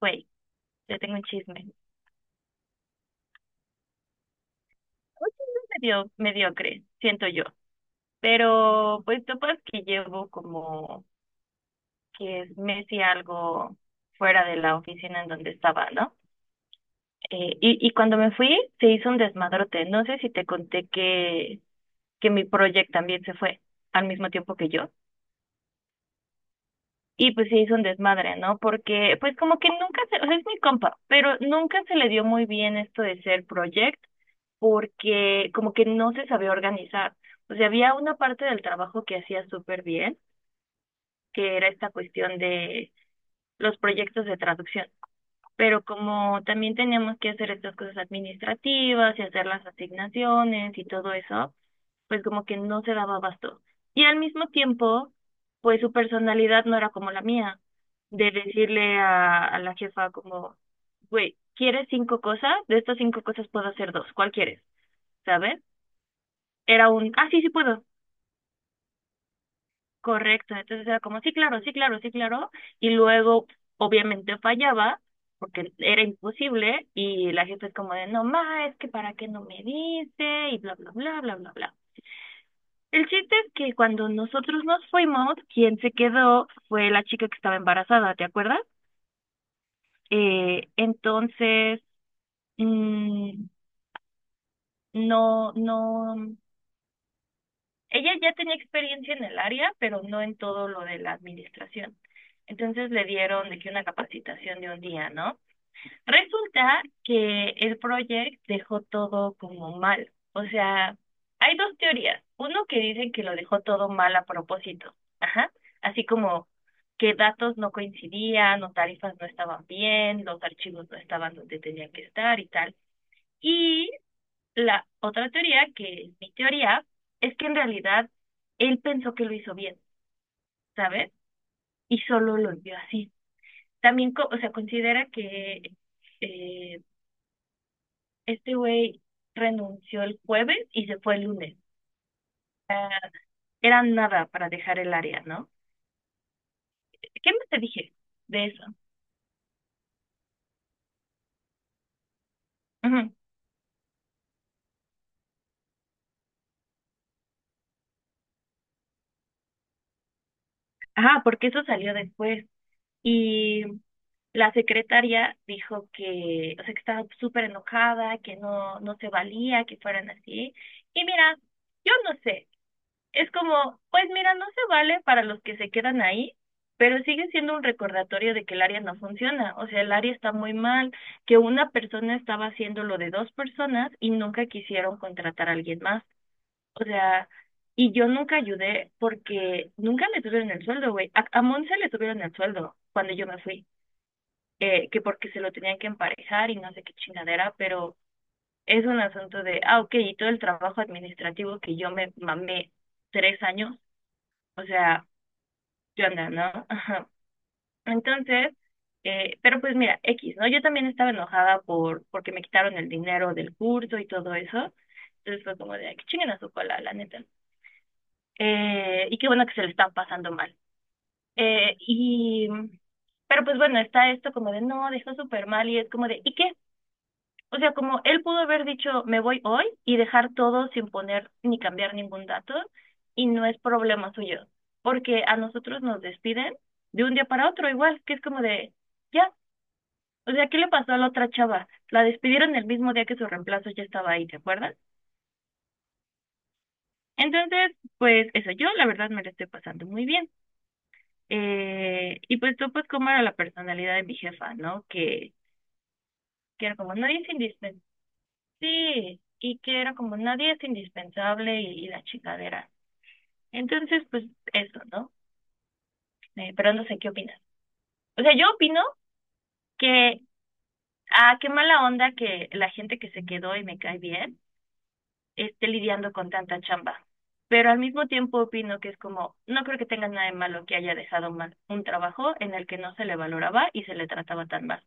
Güey, te tengo un chisme. Un chisme medio mediocre, siento yo. Pero pues topas que llevo como que es mes y algo fuera de la oficina en donde estaba, ¿no? Y cuando me fui se hizo un desmadrote. No sé si te conté que mi proyecto también se fue al mismo tiempo que yo. Y pues sí hizo un desmadre, ¿no? Porque pues como que nunca se, o sea, es mi compa, pero nunca se le dio muy bien esto de ser project porque como que no se sabía organizar. O sea, había una parte del trabajo que hacía súper bien, que era esta cuestión de los proyectos de traducción, pero como también teníamos que hacer estas cosas administrativas y hacer las asignaciones y todo eso, pues como que no se daba abasto. Y al mismo tiempo, pues su personalidad no era como la mía, de decirle a la jefa como, güey, ¿quieres cinco cosas? De estas cinco cosas puedo hacer dos, ¿cuál quieres? ¿Sabes? Era un, ah, sí, sí puedo. Correcto, entonces era como, sí, claro, sí, claro, sí, claro, y luego obviamente fallaba porque era imposible y la jefa es como de, no, ma, es que para qué no me dice y bla, bla, bla, bla, bla, bla. El chiste es que cuando nosotros nos fuimos, quien se quedó fue la chica que estaba embarazada, ¿te acuerdas? Entonces, mm, no, no. Ella ya tenía experiencia en el área, pero no en todo lo de la administración. Entonces le dieron de que una capacitación de un día, ¿no? Resulta que el proyecto dejó todo como mal. O sea, hay dos teorías. Uno que dice que lo dejó todo mal a propósito. Ajá. Así como que datos no coincidían o tarifas no estaban bien, los archivos no estaban donde tenían que estar y tal. Y la otra teoría, que es mi teoría, es que en realidad él pensó que lo hizo bien, ¿sabes? Y solo lo vio así. También, o sea, considera que eh, este güey renunció el jueves y se fue el lunes. Era nada para dejar el área, ¿no? ¿Qué más te dije de eso? Ujú. Ah, porque eso salió después. Y la secretaria dijo que, o sea, que estaba súper enojada, que no, no se valía que fueran así. Y mira, yo no sé, es como, pues mira, no se vale para los que se quedan ahí, pero sigue siendo un recordatorio de que el área no funciona. O sea, el área está muy mal, que una persona estaba haciendo lo de dos personas y nunca quisieron contratar a alguien más. O sea, y yo nunca ayudé porque nunca le subieron el sueldo, güey. A Monse le subieron el sueldo cuando yo me fui, que porque se lo tenían que emparejar y no sé qué chingadera, pero es un asunto de, ah, ok, y todo el trabajo administrativo que yo me mamé 3 años, o sea, yo anda, ¿no? Ajá. Entonces, pero pues mira, X, ¿no? Yo también estaba enojada porque me quitaron el dinero del curso y todo eso. Entonces fue como de, "Ay, que chinguen a su cola, la neta. Y qué bueno que se le están pasando mal. Eh, y, pero pues bueno, está esto como de, no, dejó súper mal y es como de, ¿y qué? O sea, como él pudo haber dicho, me voy hoy y dejar todo sin poner ni cambiar ningún dato y no es problema suyo, porque a nosotros nos despiden de un día para otro igual, que es como de, ya, o sea, ¿qué le pasó a la otra chava? La despidieron el mismo día que su reemplazo ya estaba ahí, ¿te acuerdas? Entonces, pues eso, yo la verdad me lo estoy pasando muy bien. Y pues tú, pues, cómo era la personalidad de mi jefa, ¿no? Que era como, nadie es indispensable. Sí, y que era como nadie es indispensable y la chingadera. Entonces, pues eso, ¿no? Pero no sé qué opinas. O sea, yo opino que, ah, qué mala onda que la gente que se quedó y me cae bien esté lidiando con tanta chamba. Pero al mismo tiempo opino que es como, no creo que tenga nada de malo que haya dejado mal un trabajo en el que no se le valoraba y se le trataba tan mal.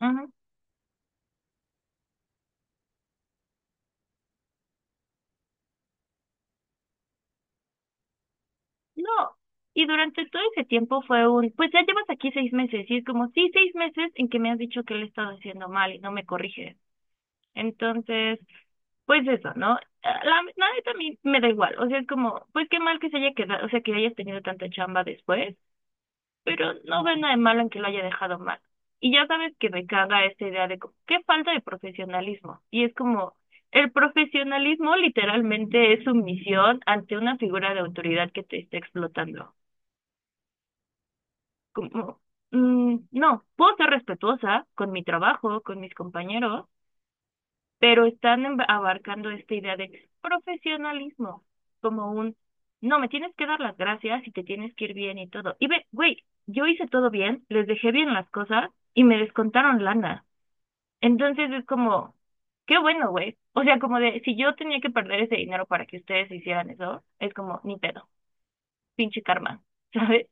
Ujú, ujú. No, y durante todo ese tiempo fue un, pues ya llevas aquí 6 meses, y es como, sí, 6 meses en que me has dicho que lo he estado haciendo mal y no me corriges. Entonces, pues eso, ¿no? La neta a mí me da igual, o sea, es como, pues qué mal que se haya quedado, o sea, que hayas tenido tanta chamba después, pero no veo nada de malo en que lo haya dejado mal. Y ya sabes que me caga esta idea de como, qué falta de profesionalismo. Y es como, el profesionalismo literalmente es sumisión ante una figura de autoridad que te está explotando. Como, mm, no, puedo ser respetuosa con mi trabajo, con mis compañeros, pero están abarcando esta idea de profesionalismo, como un, no, me tienes que dar las gracias y te tienes que ir bien y todo. Y ve, güey, yo hice todo bien, les dejé bien las cosas y me descontaron lana. Entonces es como, qué bueno, güey. O sea, como de, si yo tenía que perder ese dinero para que ustedes hicieran eso, es como, ni pedo, pinche karma, ¿sabes?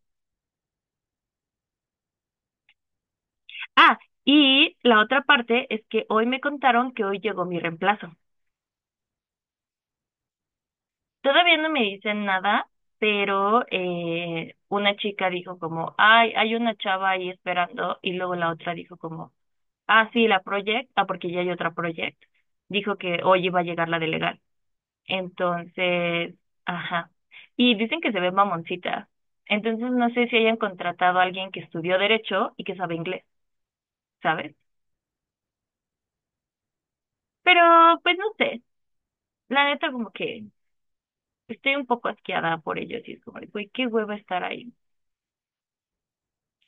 Ah, y la otra parte es que hoy me contaron que hoy llegó mi reemplazo. Todavía no me dicen nada, pero una chica dijo como, ay, hay una chava ahí esperando, y luego la otra dijo como, ah, sí, la project, ah, porque ya hay otra project. Dijo que hoy iba a llegar la de legal. Entonces, ajá. Y dicen que se ve mamoncita. Entonces no sé si hayan contratado a alguien que estudió derecho y que sabe inglés, ¿sabes? Pero, pues no sé. La neta como que estoy un poco asqueada por ellos y es como, güey, qué hueva estar ahí.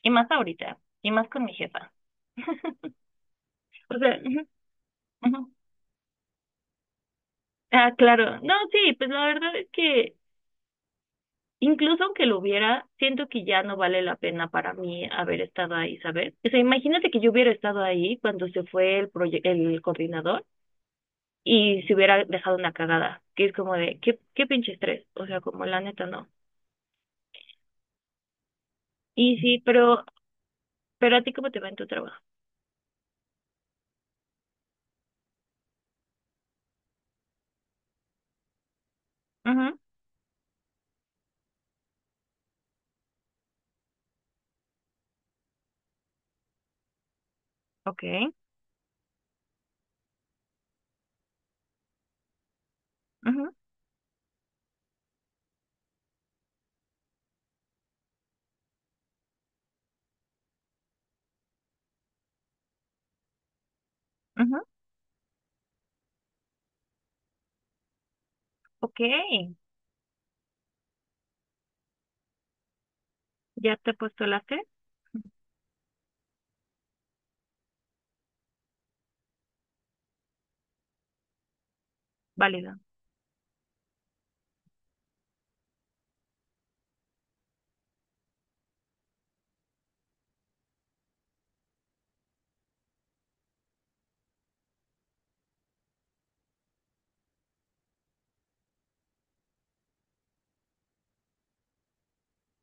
Y más ahorita, y más con mi jefa. O sea, ujú, ujú. Ah, claro. No, sí, pues la verdad es que incluso aunque lo hubiera, siento que ya no vale la pena para mí haber estado ahí, ¿sabes? O sea, imagínate que yo hubiera estado ahí cuando se fue el el coordinador y se hubiera dejado una cagada, que es como de, qué, qué pinche estrés. O sea, como la neta no. Y sí, pero a ti cómo te va en tu trabajo. Ajá, ok, ajá, ajá, ok. ¿Ya te postulaste? Válido.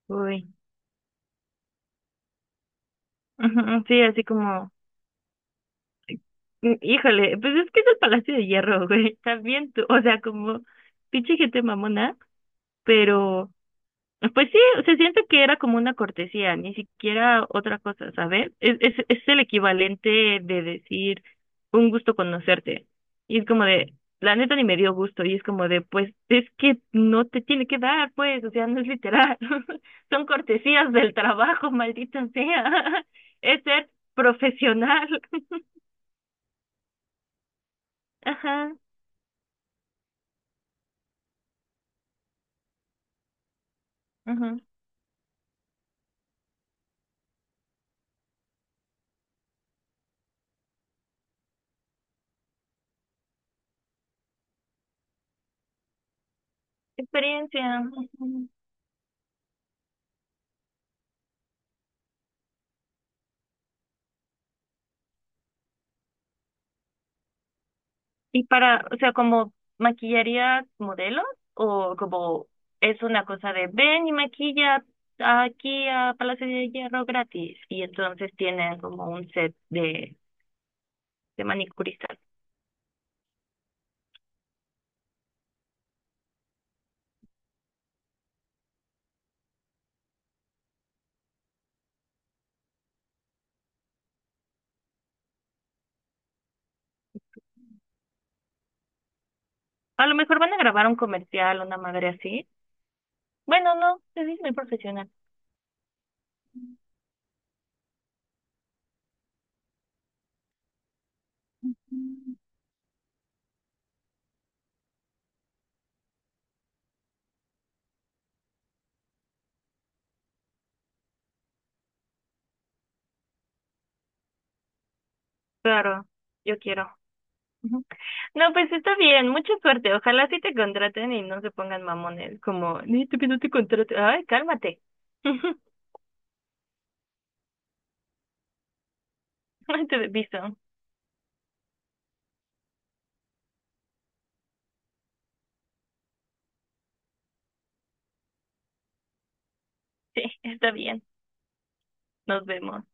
Uy. Ujú, sí, así como, mm, híjole, pues es que es el Palacio de Hierro, güey. También tú, o sea, como pinche gente mamona, pero pues sí, se siente que era como una cortesía, ni siquiera otra cosa, ¿sabes? Es el equivalente de decir un gusto conocerte. Y es como de, la neta ni me dio gusto. Y es como de, pues es que no te tiene que dar, pues, o sea, no es literal. Son cortesías del trabajo, maldita sea. Es ser profesional. Ajá, ajá. Experiencia. Y para, o sea, como maquillarías modelos o como es una cosa de ven y maquilla aquí a Palacio de Hierro gratis y entonces tienen como un set de manicuristas. A lo mejor van a grabar un comercial, una madre así. Bueno, no, es muy profesional. Claro, yo quiero. Ujú. No, pues está bien, mucha suerte. Ojalá sí te contraten y no se pongan mamones, como, ni tú que no te contraten. Ay, cálmate. No te beso. Sí, está bien. Nos vemos.